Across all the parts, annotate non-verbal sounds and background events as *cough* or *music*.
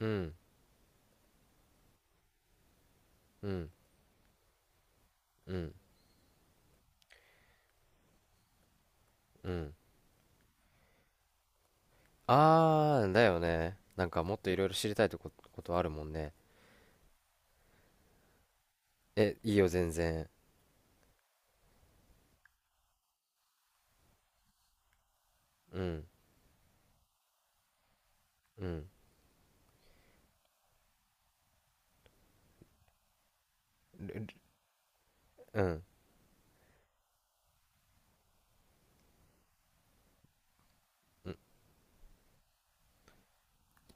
うん、うん、うん、うん。だよね。なんかもっといろいろ知りたいことあるもんね。え、いいよ、全然。うん、うん、うん、うん。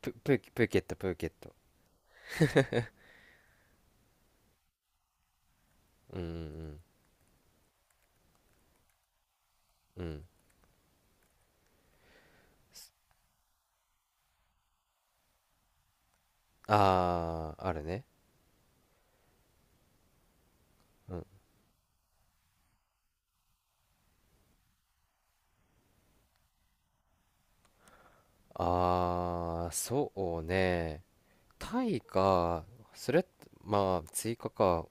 プーケット。うん、うん、うん。うん、あるね。うん。そうね。タイか、それ、まあ、追加か。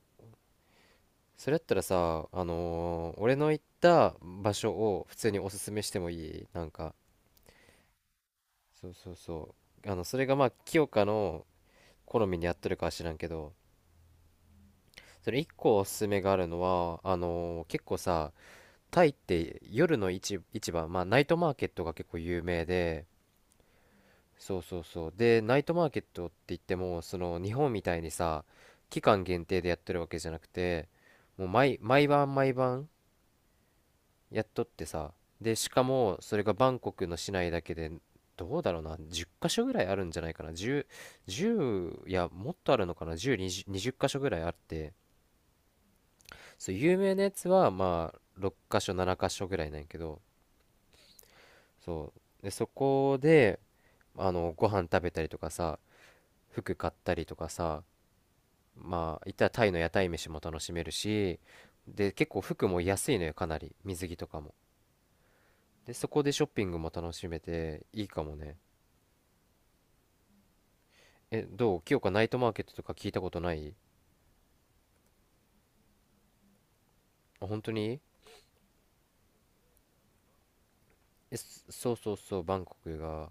それやったらさ、俺の行った場所を普通におすすめしてもいい、なんか。そうそうそう。それがまあ清香の好みに合ってるかは知らんけど、それ一個おすすめがあるのは、結構さ、タイって夜の市場、まあナイトマーケットが結構有名で、そうそうそう、でナイトマーケットって言ってもその日本みたいにさ、期間限定でやってるわけじゃなくて、もう毎晩毎晩やっとってさ、でしかもそれがバンコクの市内だけで、どうだろうな、10箇所ぐらいあるんじゃないかな。10、じゅう、いやもっとあるのかな。10、20、20箇所ぐらいあって、そう、有名なやつはまあ6箇所7箇所ぐらいなんやけど、そうで、そこでご飯食べたりとかさ、服買ったりとかさ、まあいったらタイの屋台飯も楽しめるし、で結構服も安いのよ、かなり、水着とかも、でそこでショッピングも楽しめていいかもね。え、どう、清香、ナイトマーケットとか聞いたことない？あ、本当に？え、そうそうそう、バンコクが。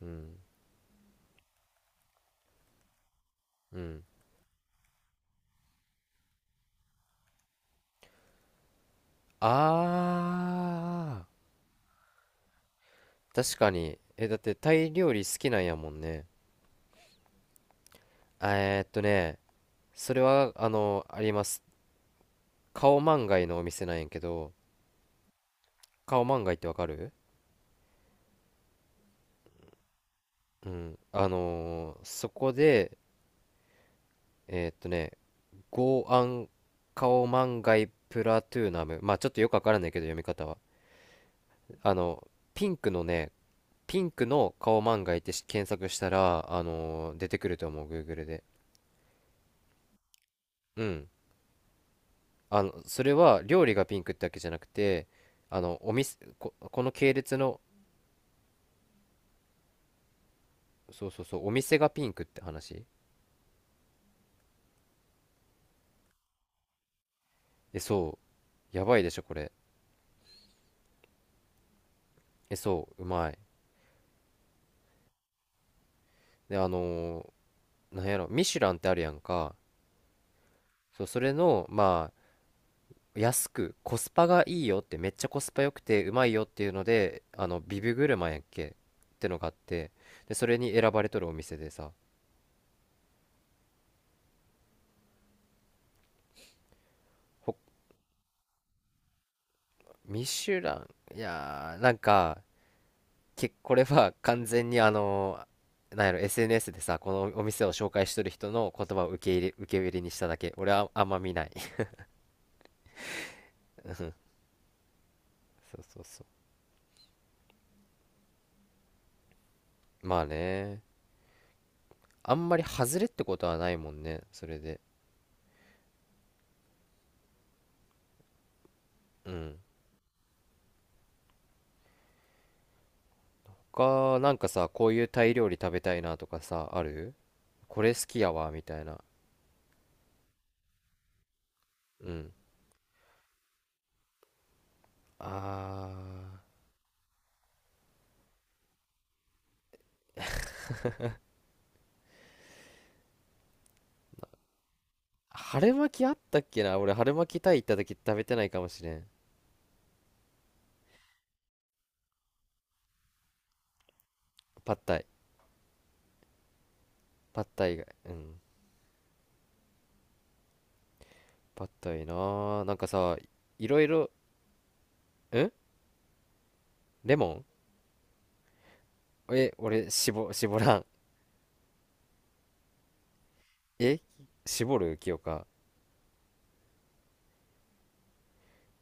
うん。うん。あ確かに。え、だってタイ料理好きなんやもんね。あえーっとね、それは、あの、あります。カオマンガイのお店なんやけど、カオマンガイってわかる？うん。そこで、えーっとね、ゴーアンカオマンガイプラトゥーナム。まあちょっとよくわからないけど、読み方は。あの、ピンクのね、ピンクの顔漫画いって検索したら、出てくると思う、Google で。うん。あの、それは料理がピンクってわけじゃなくて、お店、この系列の、そうそうそう、お店がピンクって話。え、そう、やばいでしょ、これ。え、そう、うまい。で、なんやろ、ミシュランってあるやんか。そう、それの、まあ、安く、コスパがいいよって、めっちゃコスパ良くて、うまいよっていうので、ビブグルマンやっけってのがあって、で、それに選ばれとるお店でさ、ミシュラン、いやー、なんか、これは完全になんやろ、SNS でさ、このお店を紹介しとる人の言葉を受け売りにしただけ。俺はあんま見ない。*laughs* そうそうそう。まあね、あんまり外れってことはないもんね、それで。うん。他、なんかさ、こういうタイ料理食べたいなとかさ、ある？これ好きやわ、みたいな。うん。あ春巻きあったっけな。俺、春巻きタイ行った時食べてないかもしれん。パッタイ。パッタイ以外。うん。パッタイなー、なんかさ、いろいろん、レモン、俺絞らん。え絞る、清香？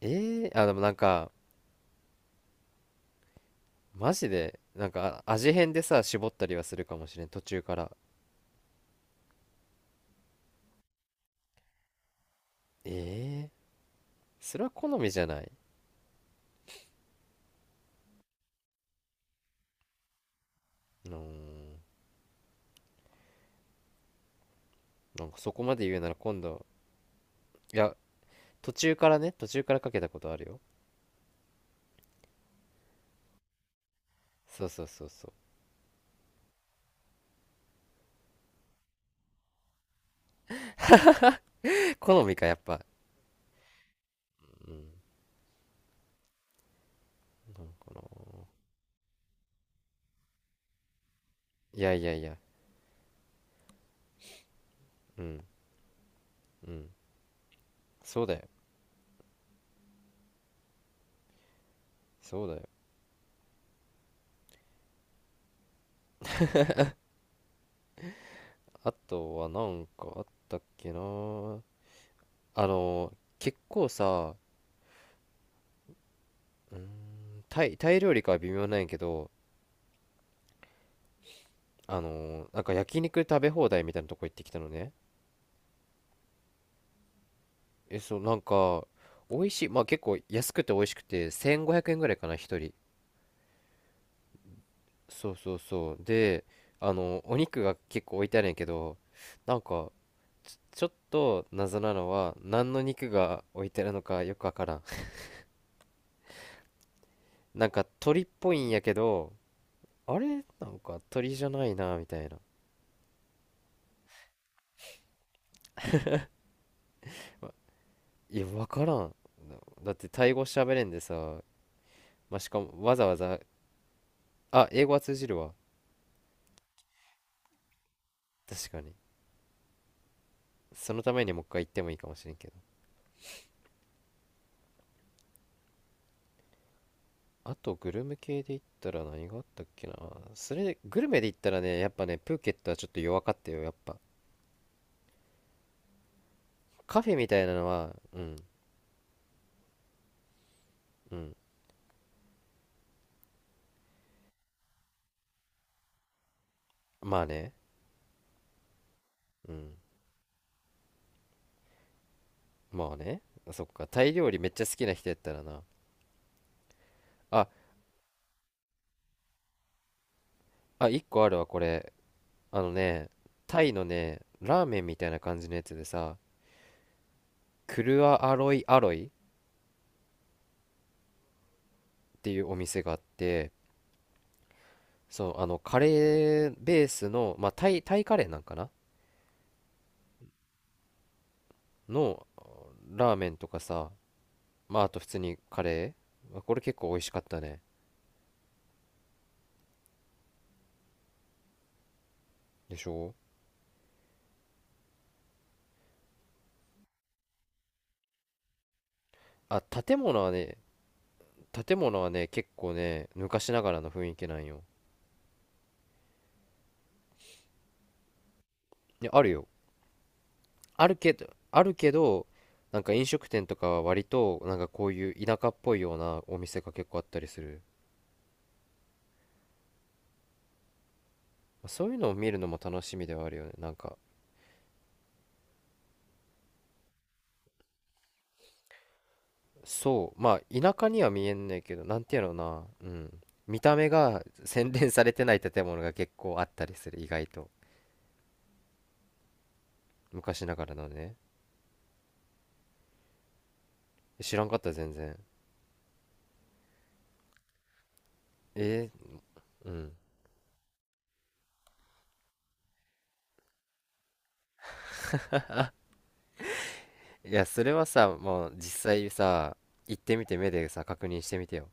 あ、でもなんかマジでなんか、味変でさ絞ったりはするかもしれん、途中から。えー、それは好みじゃない。うーん、なんかそこまで言うなら今度。いや、途中からね、途中からかけたことあるよ。そうそうそうそう。 *laughs* 好みかやっぱ。うん。なんかな。いやいやいや。うん、うん。そうだよ、そうだよ。あとはなんかあったっけな、あの結構さ、タイ料理かは微妙なんやけど、なんか焼肉食べ放題みたいなとこ行ってきたのね。え、そう、なんか美味しい、まあ結構安くて美味しくて1500円ぐらいかな、一人。そうそうそう、でお肉が結構置いてあるんやけど、なんかちょっと謎なのは、何の肉が置いてあるのかよくわからん。 *laughs* なんか鳥っぽいんやけど、あれなんか鳥じゃないなみたいな。わいや分からん。だってタイ語喋れんでさ、まあ、しかもわざわざ。あ、英語は通じるわ。確かに、そのためにもう一回行ってもいいかもしれんけど。あとグルメ系で言ったら何があったっけな。それで、グルメで言ったらね、やっぱね、プーケットはちょっと弱かったよ、やっぱ。カフェみたいなのは、うん。うん、まあね。うん、まあね。そっか、タイ料理めっちゃ好きな人やったらな。ああ、1個あるわこれ。あのね、タイのね、ラーメンみたいな感じのやつでさ、クルアアロイアロイっていうお店があって、そう、カレーベースの、まあ、タイカレーなんかなのラーメンとかさ、まあ、あと普通にカレー、まあこれ結構美味しかったね。でしょ。あ、建物はね、建物はね結構ね昔ながらの雰囲気なんよ。いやあるよ。あるけど。なんか飲食店とかは割となんかこういう田舎っぽいようなお店が結構あったりする。まあそういうのを見るのも楽しみではあるよね、なんか。そう、まあ田舎には見えんねんけど、なんていうのな、うん、見た目が洗練されてない建物が結構あったりする、意外と。昔ながらのね。知らんかった全然。えうん。いやそれはさもう実際さ行ってみて目でさ確認してみてよ